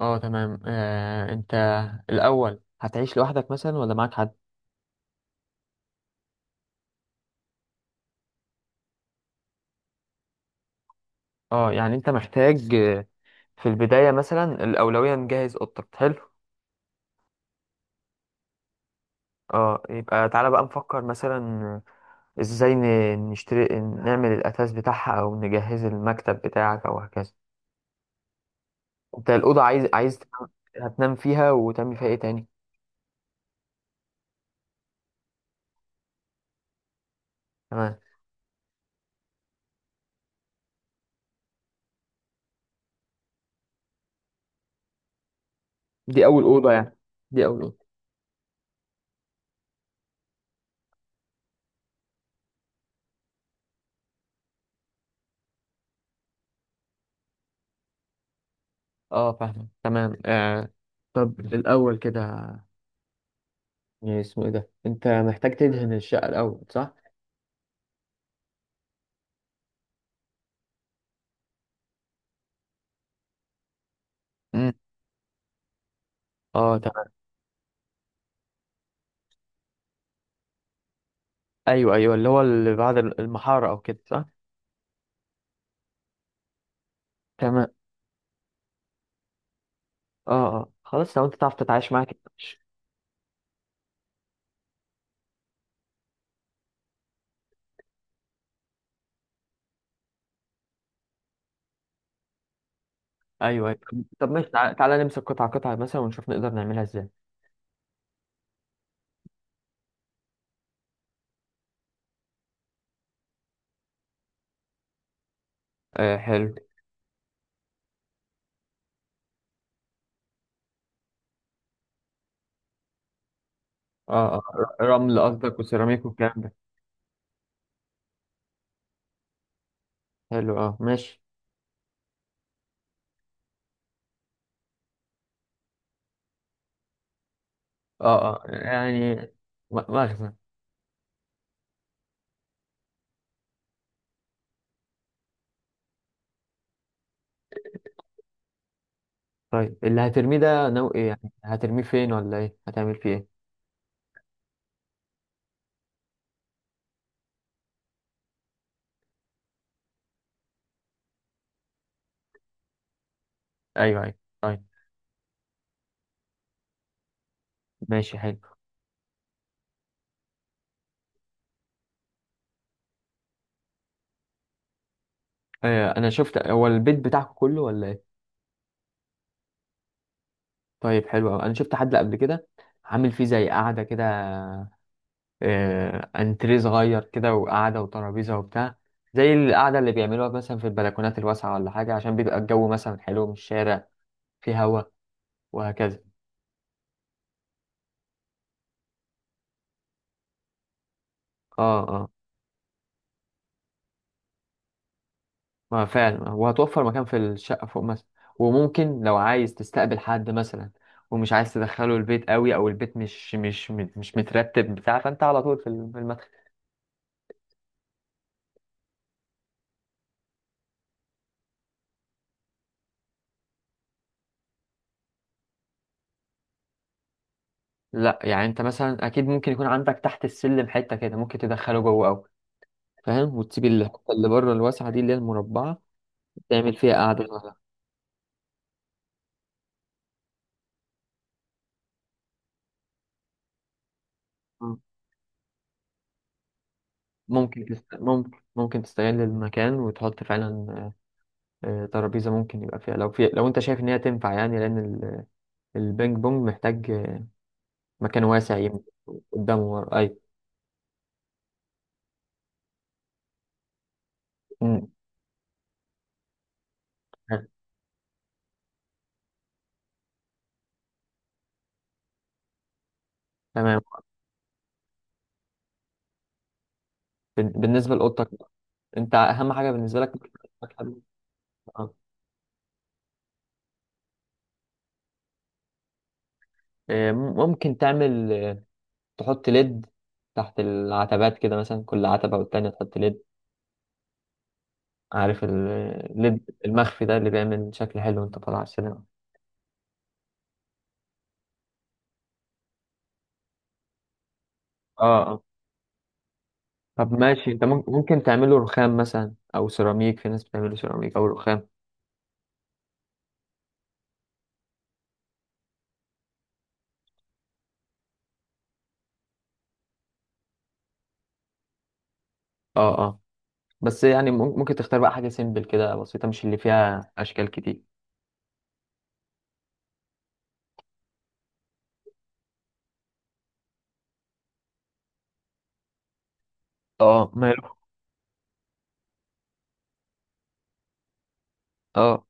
اه تمام انت الاول هتعيش لوحدك مثلا ولا معاك حد؟ اه يعني انت محتاج، في البداية مثلا الأولوية نجهز أوضتك. حلو اه، يبقى تعالى بقى نفكر مثلا، ازاي نشتري نعمل الأثاث بتاعها أو نجهز المكتب بتاعك أو هكذا. انت الأوضة عايز هتنام فيها وتعمل فيها ايه تاني؟ تمام. دي أول أوضة يعني، دي أول أوضة. اه فاهمة تمام آه. طب الأول كده يعني اسمه ايه ده، انت محتاج تدهن الشقة الأول صح؟ مم. اه تمام، ايوه ايوه اللي هو اللي بعد المحاره او كده صح. تمام اه اه، خلاص لو انت تعرف تتعايش معاك ماشي. ايوه ايوه. طب ماشي، تعالى, تعالى نمسك قطعة قطعة مثلا ونشوف نقدر نعملها ازاي. آه حلو. اه اه رمل قصدك وسيراميك والكلام ده. حلو اه ماشي. اه اه يعني، مخزن. طيب اللي هترميه ده نوع ايه؟ يعني هترميه فين؟ ولا ايه هتعمل فيه ايه؟ ايوه ايوه. طيب ماشي، حلو. آه انا شفت هو البيت بتاعكم كله ولا ايه؟ طيب حلو أوي. انا شفت حد قبل كده عامل فيه زي قعده كده، انتريه صغير كده وقعده وترابيزه وبتاع، زي القعده اللي بيعملوها مثلا في البلكونات الواسعه ولا حاجه، عشان بيبقى الجو مثلا حلو من الشارع، فيه هوا وهكذا. اه اه، ما فعلا وهتوفر مكان في الشقه فوق مثلا، وممكن لو عايز تستقبل حد مثلا ومش عايز تدخله البيت قوي او البيت مش مترتب بتاع، فانت على طول في في المدخل. لا يعني انت مثلا اكيد ممكن يكون عندك تحت السلم حته كده ممكن تدخله جوه او، فاهم، وتسيب الحته اللي بره الواسعه دي اللي هي المربعه تعمل فيها قاعده صغيرة. مم. ممكن تستغل المكان وتحط فعلا ترابيزه. ممكن يبقى فيها لو في، لو انت شايف ان هي تنفع يعني، لان البينج بونج محتاج، آه، مكان واسع يمين قدامه ورا اي. مم. تمام. بالنسبه لاوضتك، انت اهم حاجه بالنسبه لك، ممكن تعمل تحط ليد تحت العتبات كده مثلا، كل عتبة والتانية تحط ليد. عارف الليد المخفي ده اللي بيعمل شكل حلو وانت طالع على السينما. اه اه. طب ماشي، انت ممكن تعمله رخام مثلا او سيراميك، في ناس بتعمله سيراميك او رخام. اه اه. بس يعني ممكن تختار بقى حاجة سيمبل كده بسيطة، مش اللي فيها اشكال كتير. اه ماله. اه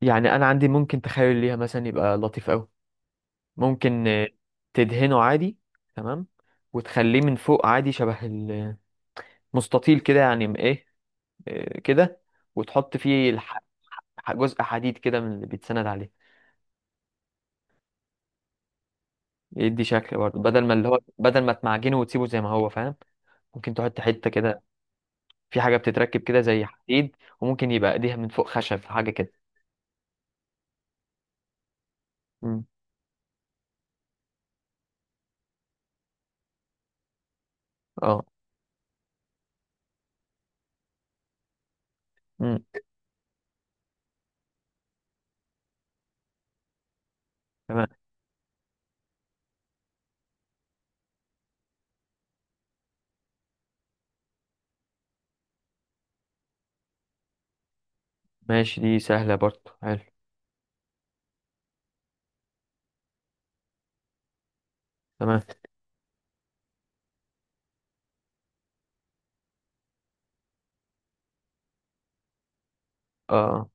يعني انا عندي ممكن تخيل ليها مثلا يبقى لطيف قوي. ممكن، تدهنه عادي. تمام. وتخليه من فوق عادي، شبه مستطيل كده يعني، ايه كده. وتحط فيه جزء حديد كده من اللي بيتسند عليه. يدي شكل برضه، بدل ما اللي هو بدل ما تمعجنه وتسيبه زي ما هو فاهم، ممكن تحط حتة كده. في حاجة بتتركب كده زي حديد، وممكن يبقى ايديها من فوق خشب حاجة كده. مم. اه مم. تمام. ماشي، دي سهلة برضه، حلو. تمام. اه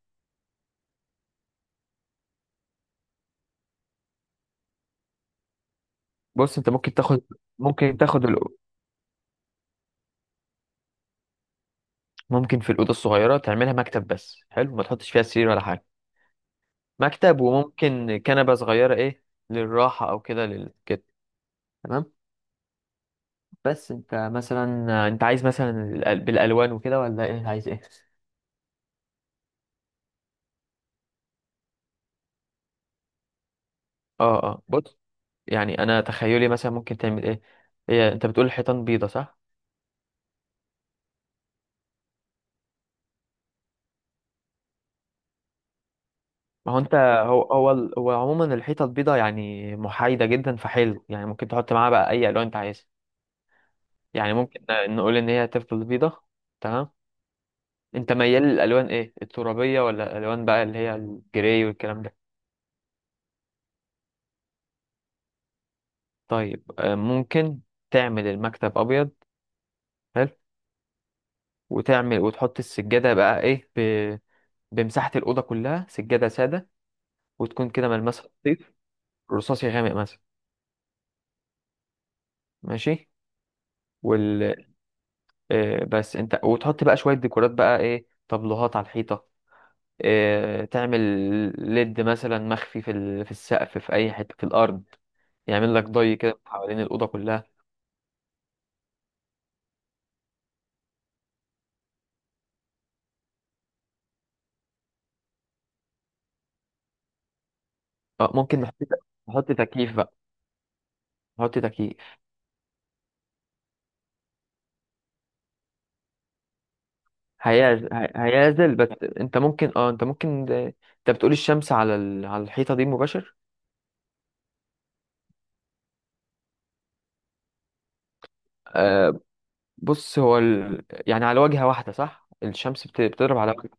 بص انت ممكن تاخد، ممكن تاخد الأو- ممكن في الأوضة الصغيرة تعملها مكتب بس، حلو، ما تحطش فيها سرير ولا حاجة. مكتب وممكن كنبة صغيرة ايه للراحة او كده كده. تمام. بس انت مثلا، انت عايز مثلا بالالوان وكده ولا ايه، عايز ايه؟ اه اه، بص يعني انا تخيلي مثلا ممكن تعمل ايه. هي انت بتقول الحيطان بيضة صح؟ ما هو انت، هو عموما الحيطة البيضة يعني محايدة جدا، فحلو يعني ممكن تحط معاها بقى اي الوان انت عايزها. يعني ممكن نقول ان هي تفضل بيضة. تمام. انت ميال للالوان ايه، الترابية ولا الالوان بقى اللي هي الجراي والكلام ده؟ طيب، ممكن تعمل المكتب ابيض، حلو. وتعمل وتحط السجاده بقى ايه بمساحه الاوضه كلها، سجاده ساده، وتكون كده ملمسها لطيف. رصاصي غامق مثلا. ماشي. وال آه، بس انت وتحط بقى شويه ديكورات بقى ايه، طبلوهات على الحيطه، تعمل ليد مثلا مخفي في في السقف في اي حته في الارض، يعمل لك ضي كده حوالين الاوضه كلها. اه ممكن نحط، نحط تكييف بقى. نحط تكييف. هيعزل بس. انت ممكن اه انت ممكن انت بتقول الشمس على على الحيطه دي مباشر. آه بص هو يعني على واجهه واحده صح، الشمس بتضرب على واجهه.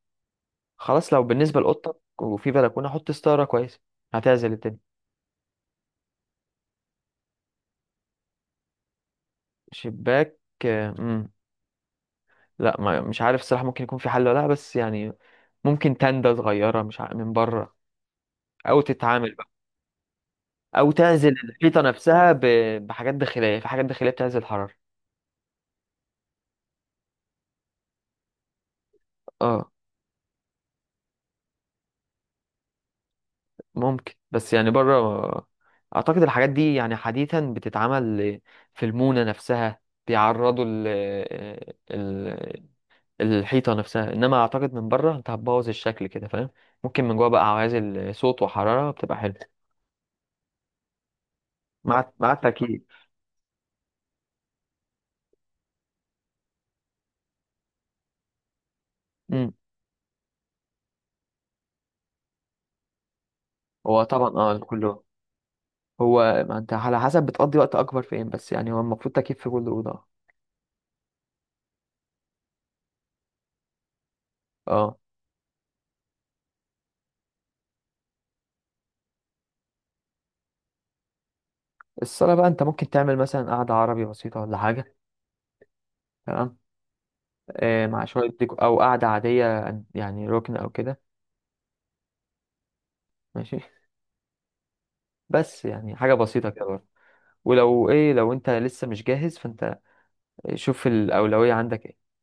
خلاص، لو بالنسبه لاوضتك وفي بلكونه حط ستاره كويسه هتعزل الدنيا. شباك. آه مم. لا ما... مش عارف الصراحه ممكن يكون في حل ولا لا، بس يعني ممكن تندة صغيره مش من بره، او تتعامل بقى، او تعزل الحيطه نفسها بحاجات داخليه، في حاجات داخليه بتعزل الحراره. اه ممكن، بس يعني بره اعتقد الحاجات دي يعني حديثا بتتعمل في المونة نفسها، بيعرضوا ال ال الحيطة نفسها. انما اعتقد من بره انت هتبوظ الشكل كده فاهم، ممكن من جوه بقى عوازل صوت وحرارة بتبقى حلوة. مع التأكيد. امم. هو طبعا اه كله، هو ما انت على حسب بتقضي وقت اكبر فين، بس يعني هو المفروض تكييف في كل أوضة. اه. الصالة بقى انت ممكن تعمل مثلا قعدة عربي بسيطة ولا حاجة. تمام. مع شوية ديكو أو قعدة عادية، يعني ركن أو كده. ماشي. بس يعني حاجة بسيطة كده برضه. ولو إيه، لو أنت لسه مش جاهز فأنت شوف الأولوية عندك إيه.